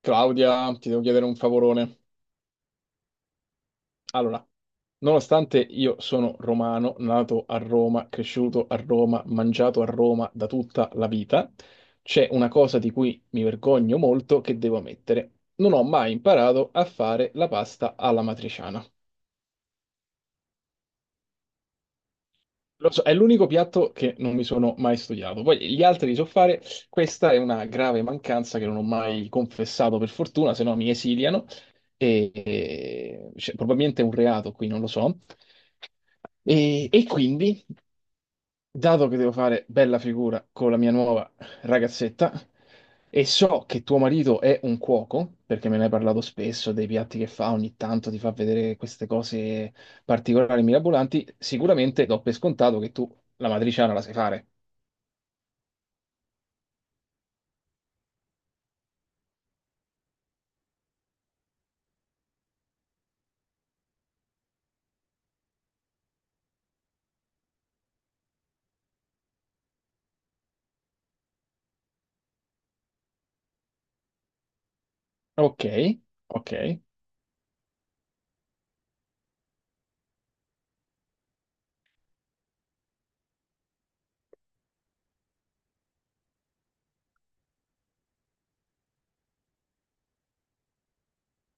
Claudia, ti devo chiedere un favorone. Allora, nonostante io sono romano, nato a Roma, cresciuto a Roma, mangiato a Roma da tutta la vita, c'è una cosa di cui mi vergogno molto che devo ammettere. Non ho mai imparato a fare la pasta alla matriciana. Lo so, è l'unico piatto che non mi sono mai studiato. Poi gli altri li so fare. Questa è una grave mancanza che non ho mai confessato, per fortuna, se no mi esiliano. Cioè, probabilmente è un reato qui, non lo so. E quindi dato che devo fare bella figura con la mia nuova ragazzetta e so che tuo marito è un cuoco, perché me ne hai parlato spesso dei piatti che fa, ogni tanto ti fa vedere queste cose particolari, mirabolanti, sicuramente do per scontato che tu la matriciana la sai fare. Ok, ok.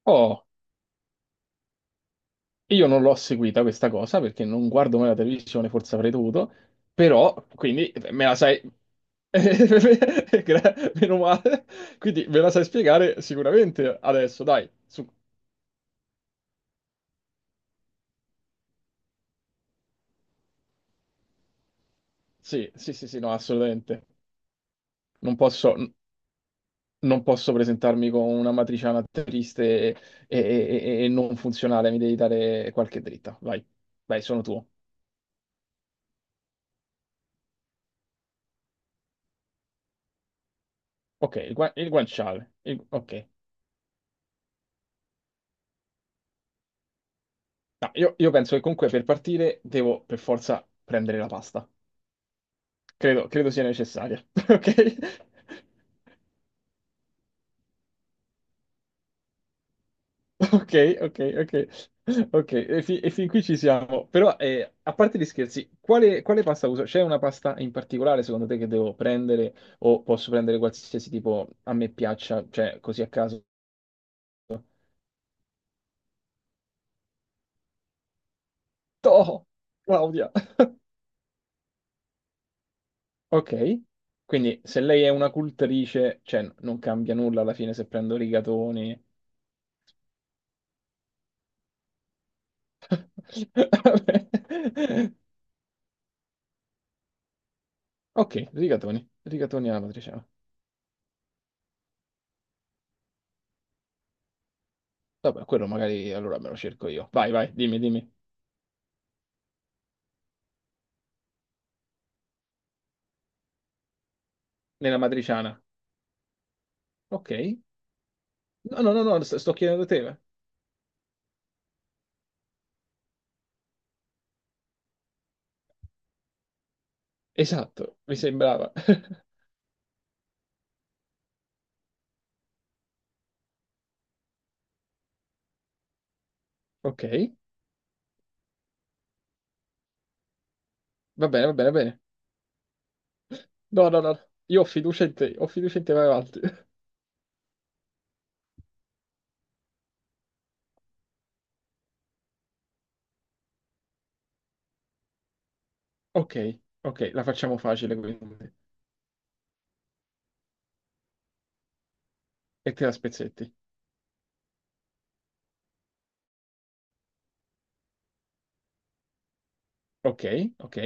Oh. Io non l'ho seguita questa cosa perché non guardo mai la televisione, forse avrei dovuto, però quindi me la sai. Meno male. Quindi me la sai spiegare sicuramente adesso, dai. Su- Sì, sì, sì, sì, no, assolutamente. Non posso, non posso presentarmi con una matriciana triste e- e non funzionale, mi devi dare qualche dritta. Vai, vai, sono tuo. Ok, il guanciale. Il- ok. No, io penso che comunque per partire devo per forza prendere la pasta. Credo sia necessaria. Ok, ok, ok, ok. Ok, e fin qui ci siamo. Però, a parte gli scherzi, quale pasta uso? C'è una pasta in particolare secondo te che devo prendere o posso prendere qualsiasi tipo a me piaccia, cioè così a caso? Oh, Claudia! Ok, quindi se lei è una cultrice, cioè non cambia nulla alla fine se prendo rigatoni. Vabbè. Ok, rigatoni, rigatoni alla matriciana. Vabbè, quello magari allora me lo cerco io. Vai, vai, dimmi, dimmi. Nella matriciana. Ok. No, no, no, no, sto chiedendo a te. Va. Esatto, mi sembrava. Ok. Va bene, va bene, va bene. No, no, no. Io ho fiducia in te, ho fiducia in te, vai avanti. Ok, ok, la facciamo facile quindi. E te la spezzetti. Ok, ok,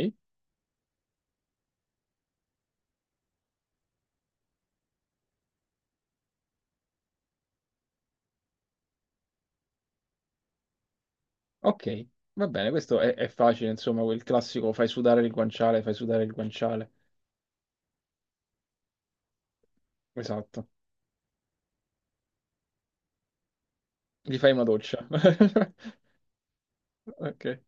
ok. Va bene, è facile, insomma, quel classico fai sudare il guanciale, fai sudare il guanciale. Esatto. Gli fai una doccia. Ok.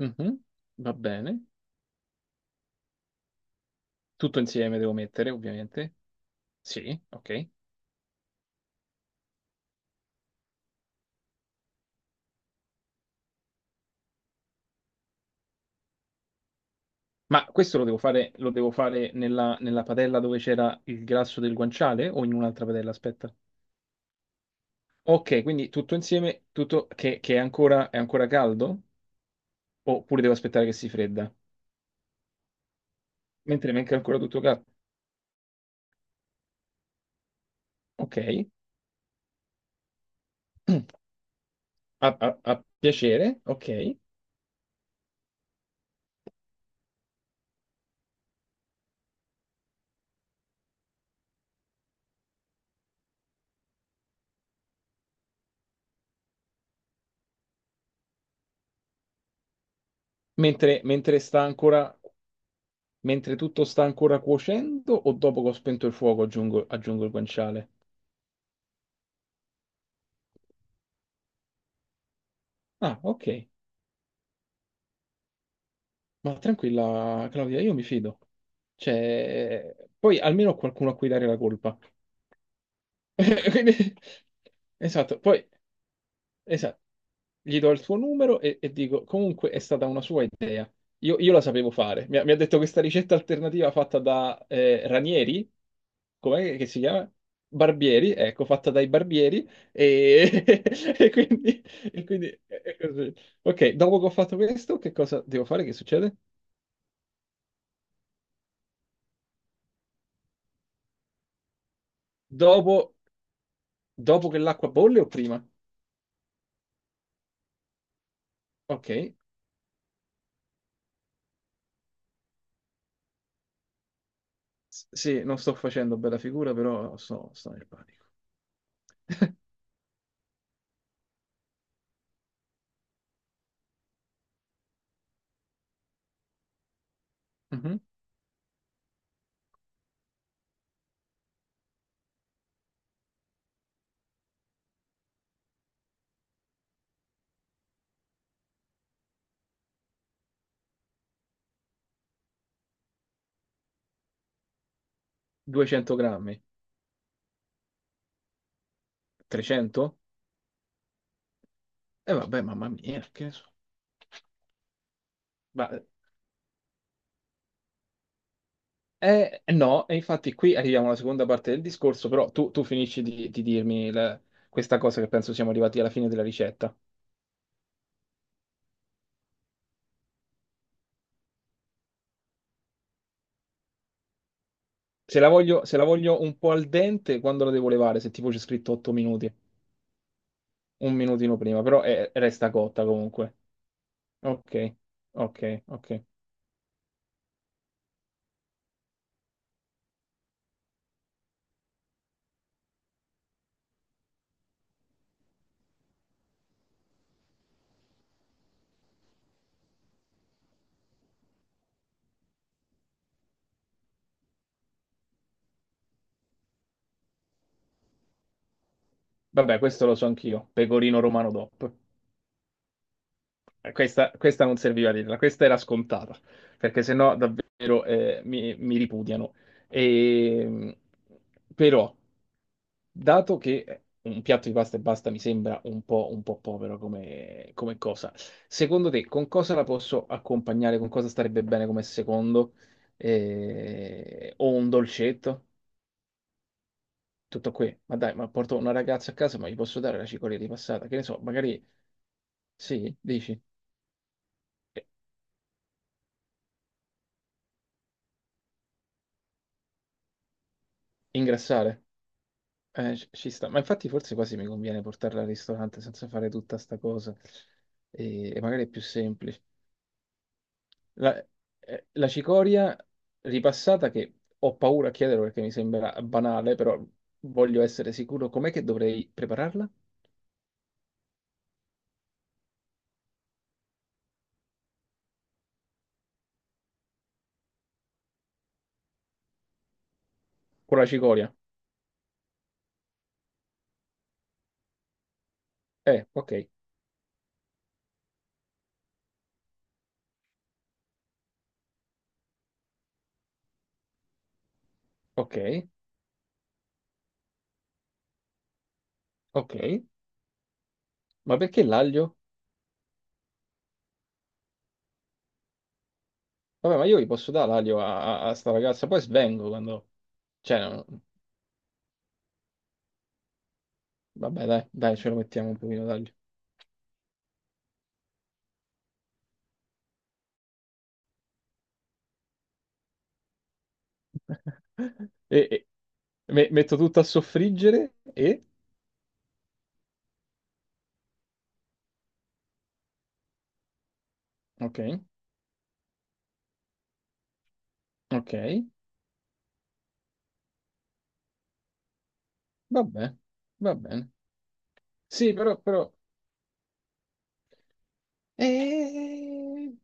Mhm. Va bene. Tutto insieme devo mettere, ovviamente. Sì, ok. Ma questo lo devo fare nella padella dove c'era il grasso del guanciale o in un'altra padella? Aspetta. Ok, quindi tutto insieme, che è ancora caldo? Oppure devo aspettare che si fredda? Mentre manca ancora tutto caldo. Ok. A piacere, ok. Mentre sta ancora, mentre tutto sta ancora cuocendo o dopo che ho spento il fuoco aggiungo il guanciale? Ah, ok. Ma tranquilla, Claudia, io mi fido. Cioè, poi almeno ho qualcuno a cui dare la colpa. Quindi- esatto, poi esatto. Gli do il suo numero e dico, comunque è stata una sua idea. Io la sapevo fare. Mi ha detto questa ricetta alternativa fatta da Ranieri, com'è che si chiama? Barbieri, ecco, fatta dai barbieri. E, e quindi, e quindi è così. Ok, dopo che ho fatto questo, che cosa devo fare? Che succede? Dopo Dopo che l'acqua bolle o prima? Ok. Sì, non sto facendo bella figura, però sto, sto nel panico. Mhm. 200 grammi? 300? E vabbè, mamma mia, che ne so. Ma, no, e infatti qui arriviamo alla seconda parte del discorso, però tu finisci di dirmi la- questa cosa che penso siamo arrivati alla fine della ricetta. Se la voglio, se la voglio un po' al dente, quando la devo levare? Se tipo c'è scritto 8 minuti, un minutino prima, però resta cotta comunque. Ok, ok, ok. Vabbè, questo lo so anch'io, pecorino romano DOP. Questa, questa non serviva a dirla, questa era scontata, perché sennò davvero mi ripudiano. E, però, dato che un piatto di pasta e basta mi sembra un po' povero come, come cosa, secondo te con cosa la posso accompagnare? Con cosa starebbe bene come secondo? O un dolcetto? Tutto qui. Ma dai, ma porto una ragazza a casa, ma gli posso dare la cicoria di passata? Che ne so, magari... Sì, dici? Ingrassare? Ci ci sta. Ma infatti forse quasi mi conviene portarla al ristorante senza fare tutta sta cosa. E magari è più semplice. La, la cicoria ripassata, che ho paura a chiederlo perché mi sembra banale, però voglio essere sicuro. Com'è che dovrei prepararla? Con la cicoria? Ok, ok, ok. Ma perché l'aglio? Vabbè, ma io gli posso dare l'aglio a sta ragazza, poi svengo quando... Cioè, no, vabbè, dai, dai, ce lo mettiamo un pochino d'aglio. E, e- metto tutto a soffriggere e... Ok, ok, vabbè, va bene. Sì, però, però... eh,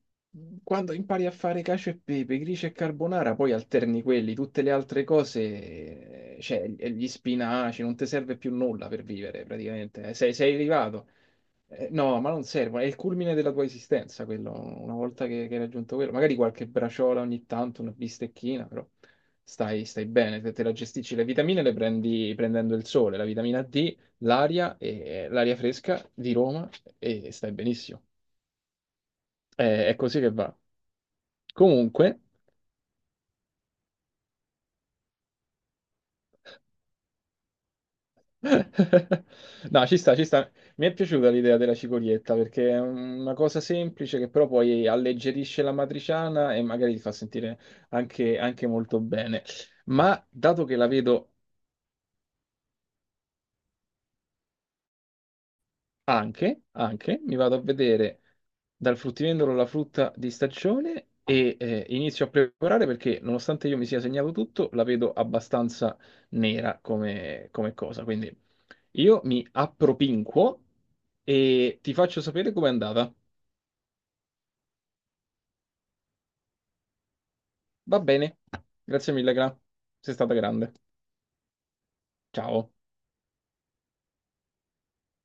quando impari a fare cacio e pepe, gricia e carbonara, poi alterni quelli, tutte le altre cose, cioè e gli spinaci, non ti serve più nulla per vivere praticamente. Eh. Sei arrivato. No, ma non servono, è il culmine della tua esistenza quello, una volta che hai raggiunto quello, magari qualche braciola ogni tanto, una bistecchina, però stai, stai bene, te la gestisci, le vitamine le prendi prendendo il sole, la vitamina D, l'aria, e l'aria fresca di Roma e stai benissimo. È così che va. Comunque, no, ci sta, ci sta. Mi è piaciuta l'idea della cicorietta perché è una cosa semplice che però poi alleggerisce la matriciana e magari ti fa sentire anche, anche molto bene. Ma dato che la vedo anche, anche, mi vado a vedere dal fruttivendolo la frutta di stagione e inizio a preparare perché nonostante io mi sia segnato tutto, la vedo abbastanza nera come, come cosa. Quindi io mi appropinquo e ti faccio sapere com'è andata. Va bene. Grazie mille, Gra. Sei stata grande. Ciao.